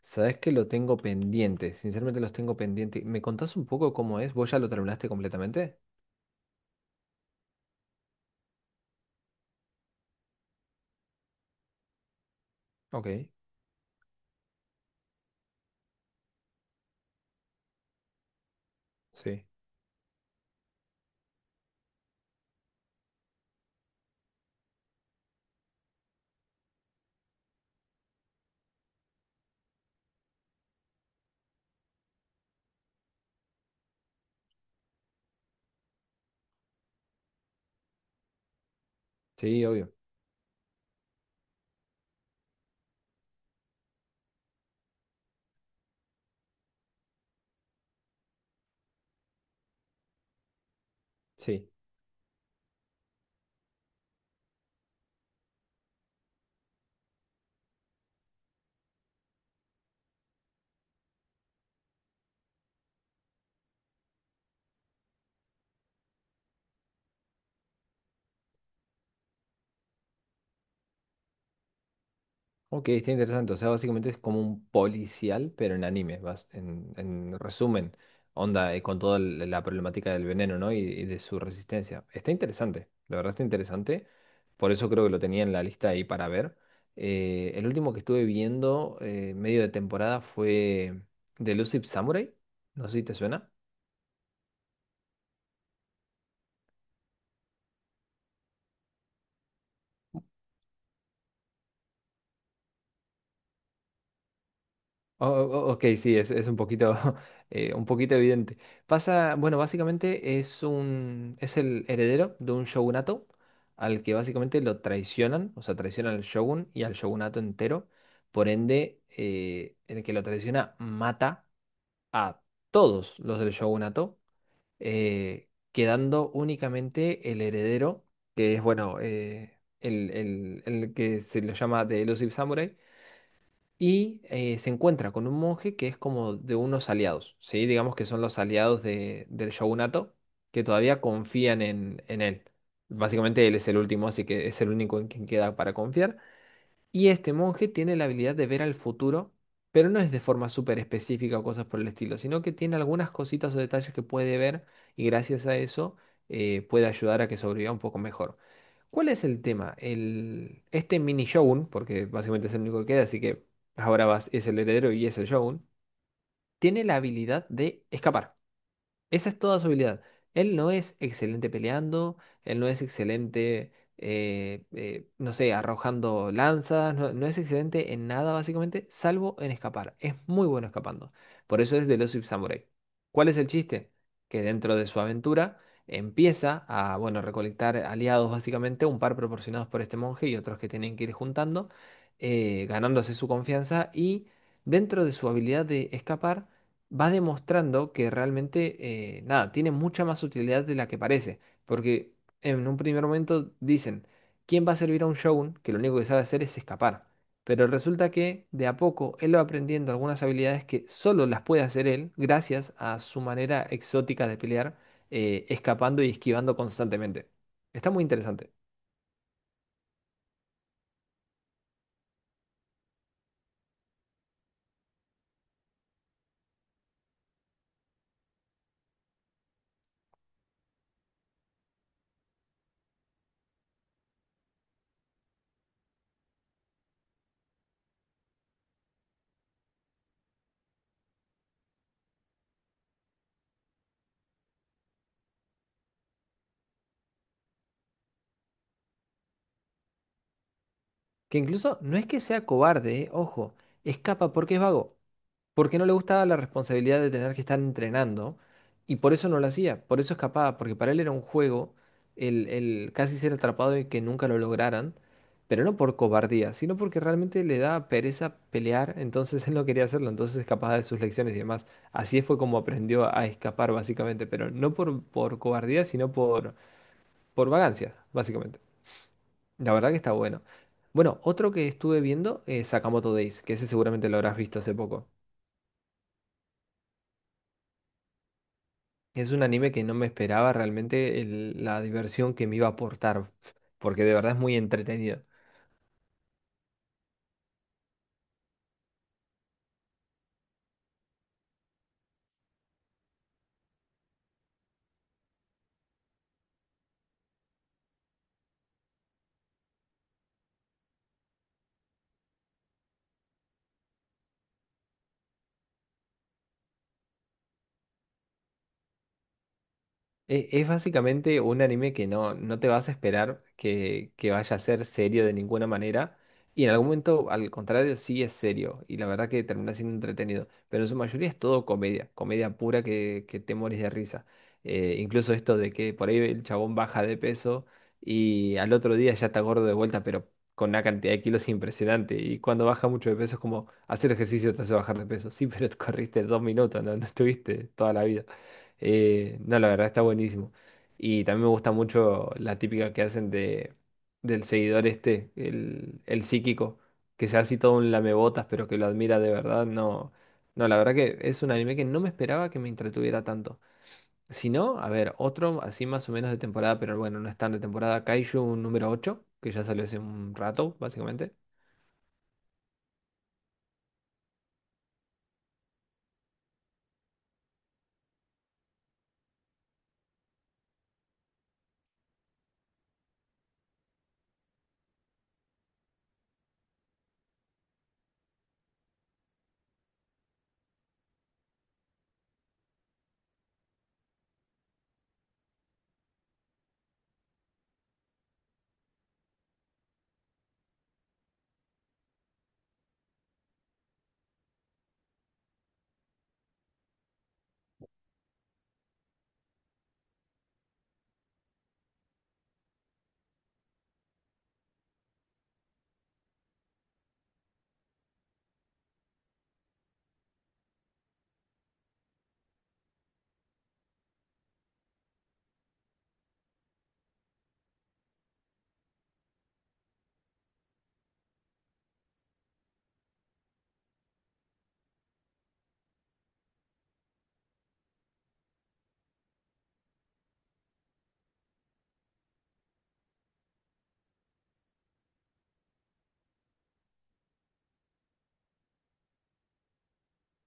Sabes que lo tengo pendiente, sinceramente los tengo pendiente. ¿Me contás un poco cómo es? ¿Vos ya lo terminaste completamente? Ok, sí. Sí, obvio. Sí. Ok, está interesante. O sea, básicamente es como un policial, pero en anime, vas, en resumen, onda, con toda la problemática del veneno, ¿no? Y de su resistencia. Está interesante, la verdad está interesante. Por eso creo que lo tenía en la lista ahí para ver. El último que estuve viendo, medio de temporada, fue The Elusive Samurai. No sé si te suena. Ok, sí, es un poquito, un poquito evidente. Pasa, bueno, básicamente es un, es el heredero de un shogunato al que básicamente lo traicionan, o sea, traicionan al shogun y al shogunato entero. Por ende, el que lo traiciona mata a todos los del shogunato, quedando únicamente el heredero, que es, bueno, el, el que se lo llama The Elusive Samurai y se encuentra con un monje que es como de unos aliados, ¿sí? Digamos que son los aliados del shogunato que todavía confían en él. Básicamente él es el último, así que es el único en quien queda para confiar. Y este monje tiene la habilidad de ver al futuro, pero no es de forma súper específica o cosas por el estilo, sino que tiene algunas cositas o detalles que puede ver y gracias a eso puede ayudar a que sobreviva un poco mejor. ¿Cuál es el tema? El, este mini Shogun, porque básicamente es el único que queda, así que ahora vas, es el heredero y es el Shogun, tiene la habilidad de escapar. Esa es toda su habilidad. Él no es excelente peleando, él no es excelente, no sé, arrojando lanzas, no, no es excelente en nada básicamente, salvo en escapar. Es muy bueno escapando. Por eso es de los Samurai. ¿Cuál es el chiste? Que dentro de su aventura empieza a, bueno, recolectar aliados básicamente, un par proporcionados por este monje y otros que tienen que ir juntando, ganándose su confianza y dentro de su habilidad de escapar va demostrando que realmente, nada, tiene mucha más utilidad de la que parece. Porque en un primer momento dicen, ¿quién va a servir a un shogun que lo único que sabe hacer es escapar? Pero resulta que de a poco él va aprendiendo algunas habilidades que solo las puede hacer él gracias a su manera exótica de pelear, escapando y esquivando constantemente. Está muy interesante. Que incluso no es que sea cobarde, Ojo, escapa porque es vago, porque no le gustaba la responsabilidad de tener que estar entrenando y por eso no lo hacía, por eso escapaba, porque para él era un juego el casi ser atrapado y que nunca lo lograran, pero no por cobardía, sino porque realmente le daba pereza pelear, entonces él no quería hacerlo, entonces escapaba de sus lecciones y demás. Así fue como aprendió a escapar básicamente, pero no por, por cobardía, sino por vagancia, básicamente. La verdad que está bueno. Bueno, otro que estuve viendo es Sakamoto Days, que ese seguramente lo habrás visto hace poco. Es un anime que no me esperaba realmente la diversión que me iba a aportar, porque de verdad es muy entretenido. Es básicamente un anime que no, no te vas a esperar que vaya a ser serio de ninguna manera. Y en algún momento, al contrario, sí es serio. Y la verdad que termina siendo entretenido. Pero en su mayoría es todo comedia. Comedia pura que te morís de risa. Incluso esto de que por ahí el chabón baja de peso y al otro día ya está gordo de vuelta, pero con una cantidad de kilos impresionante. Y cuando baja mucho de peso es como hacer ejercicio te hace bajar de peso. Sí, pero corriste 2 minutos, no, no estuviste toda la vida. No, la verdad está buenísimo. Y también me gusta mucho la típica que hacen de, del seguidor este, el psíquico, que sea así todo un lamebotas, pero que lo admira de verdad. No, no, la verdad que es un anime que no me esperaba que me entretuviera tanto. Si no, a ver, otro así más o menos de temporada, pero bueno, no es tan de temporada. Kaiju número ocho que ya salió hace un rato, básicamente.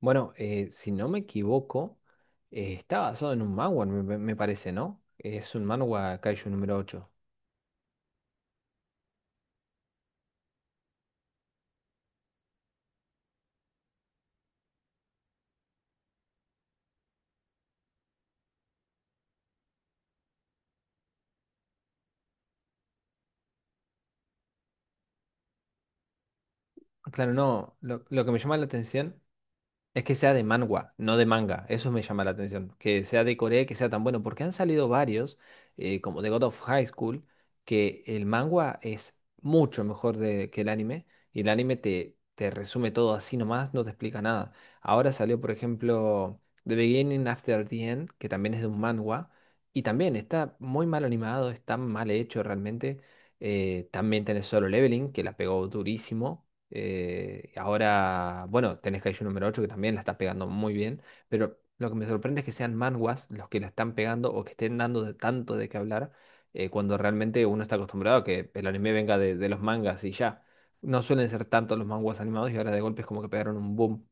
Bueno, si no me equivoco, está basado en un manhwa, me parece, ¿no? Es un manhwa Kaiju número ocho. Claro, no. Lo que me llama la atención es que sea de manga, no de manga. Eso me llama la atención. Que sea de Corea, y que sea tan bueno. Porque han salido varios, como The God of High School, que el manga es mucho mejor que el anime. Y el anime te, te resume todo así nomás, no te explica nada. Ahora salió, por ejemplo, The Beginning After the End, que también es de un manga. Y también está muy mal animado, está mal hecho realmente. También tenés Solo Leveling, que la pegó durísimo. Ahora, bueno, tenés Kaiju número ocho que también la está pegando muy bien, pero lo que me sorprende es que sean manguas los que la están pegando o que estén dando de tanto de qué hablar cuando realmente uno está acostumbrado a que el anime venga de los mangas y ya. No suelen ser tanto los manguas animados y ahora de golpe es como que pegaron un boom.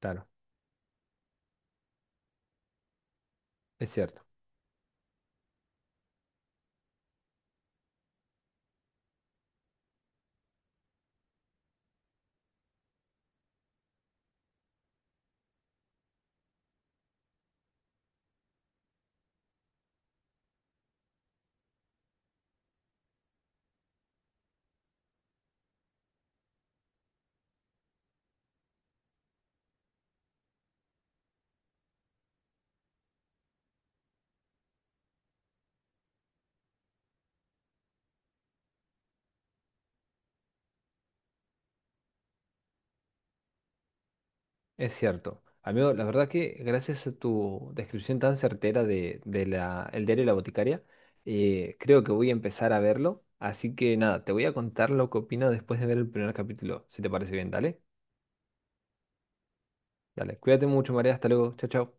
Claro, es cierto. Es cierto. Amigo, la verdad que gracias a tu descripción tan certera de la, el diario de la boticaria, creo que voy a empezar a verlo. Así que nada, te voy a contar lo que opino después de ver el primer capítulo, si te parece bien, dale. Dale, cuídate mucho, María, hasta luego, chao, chao.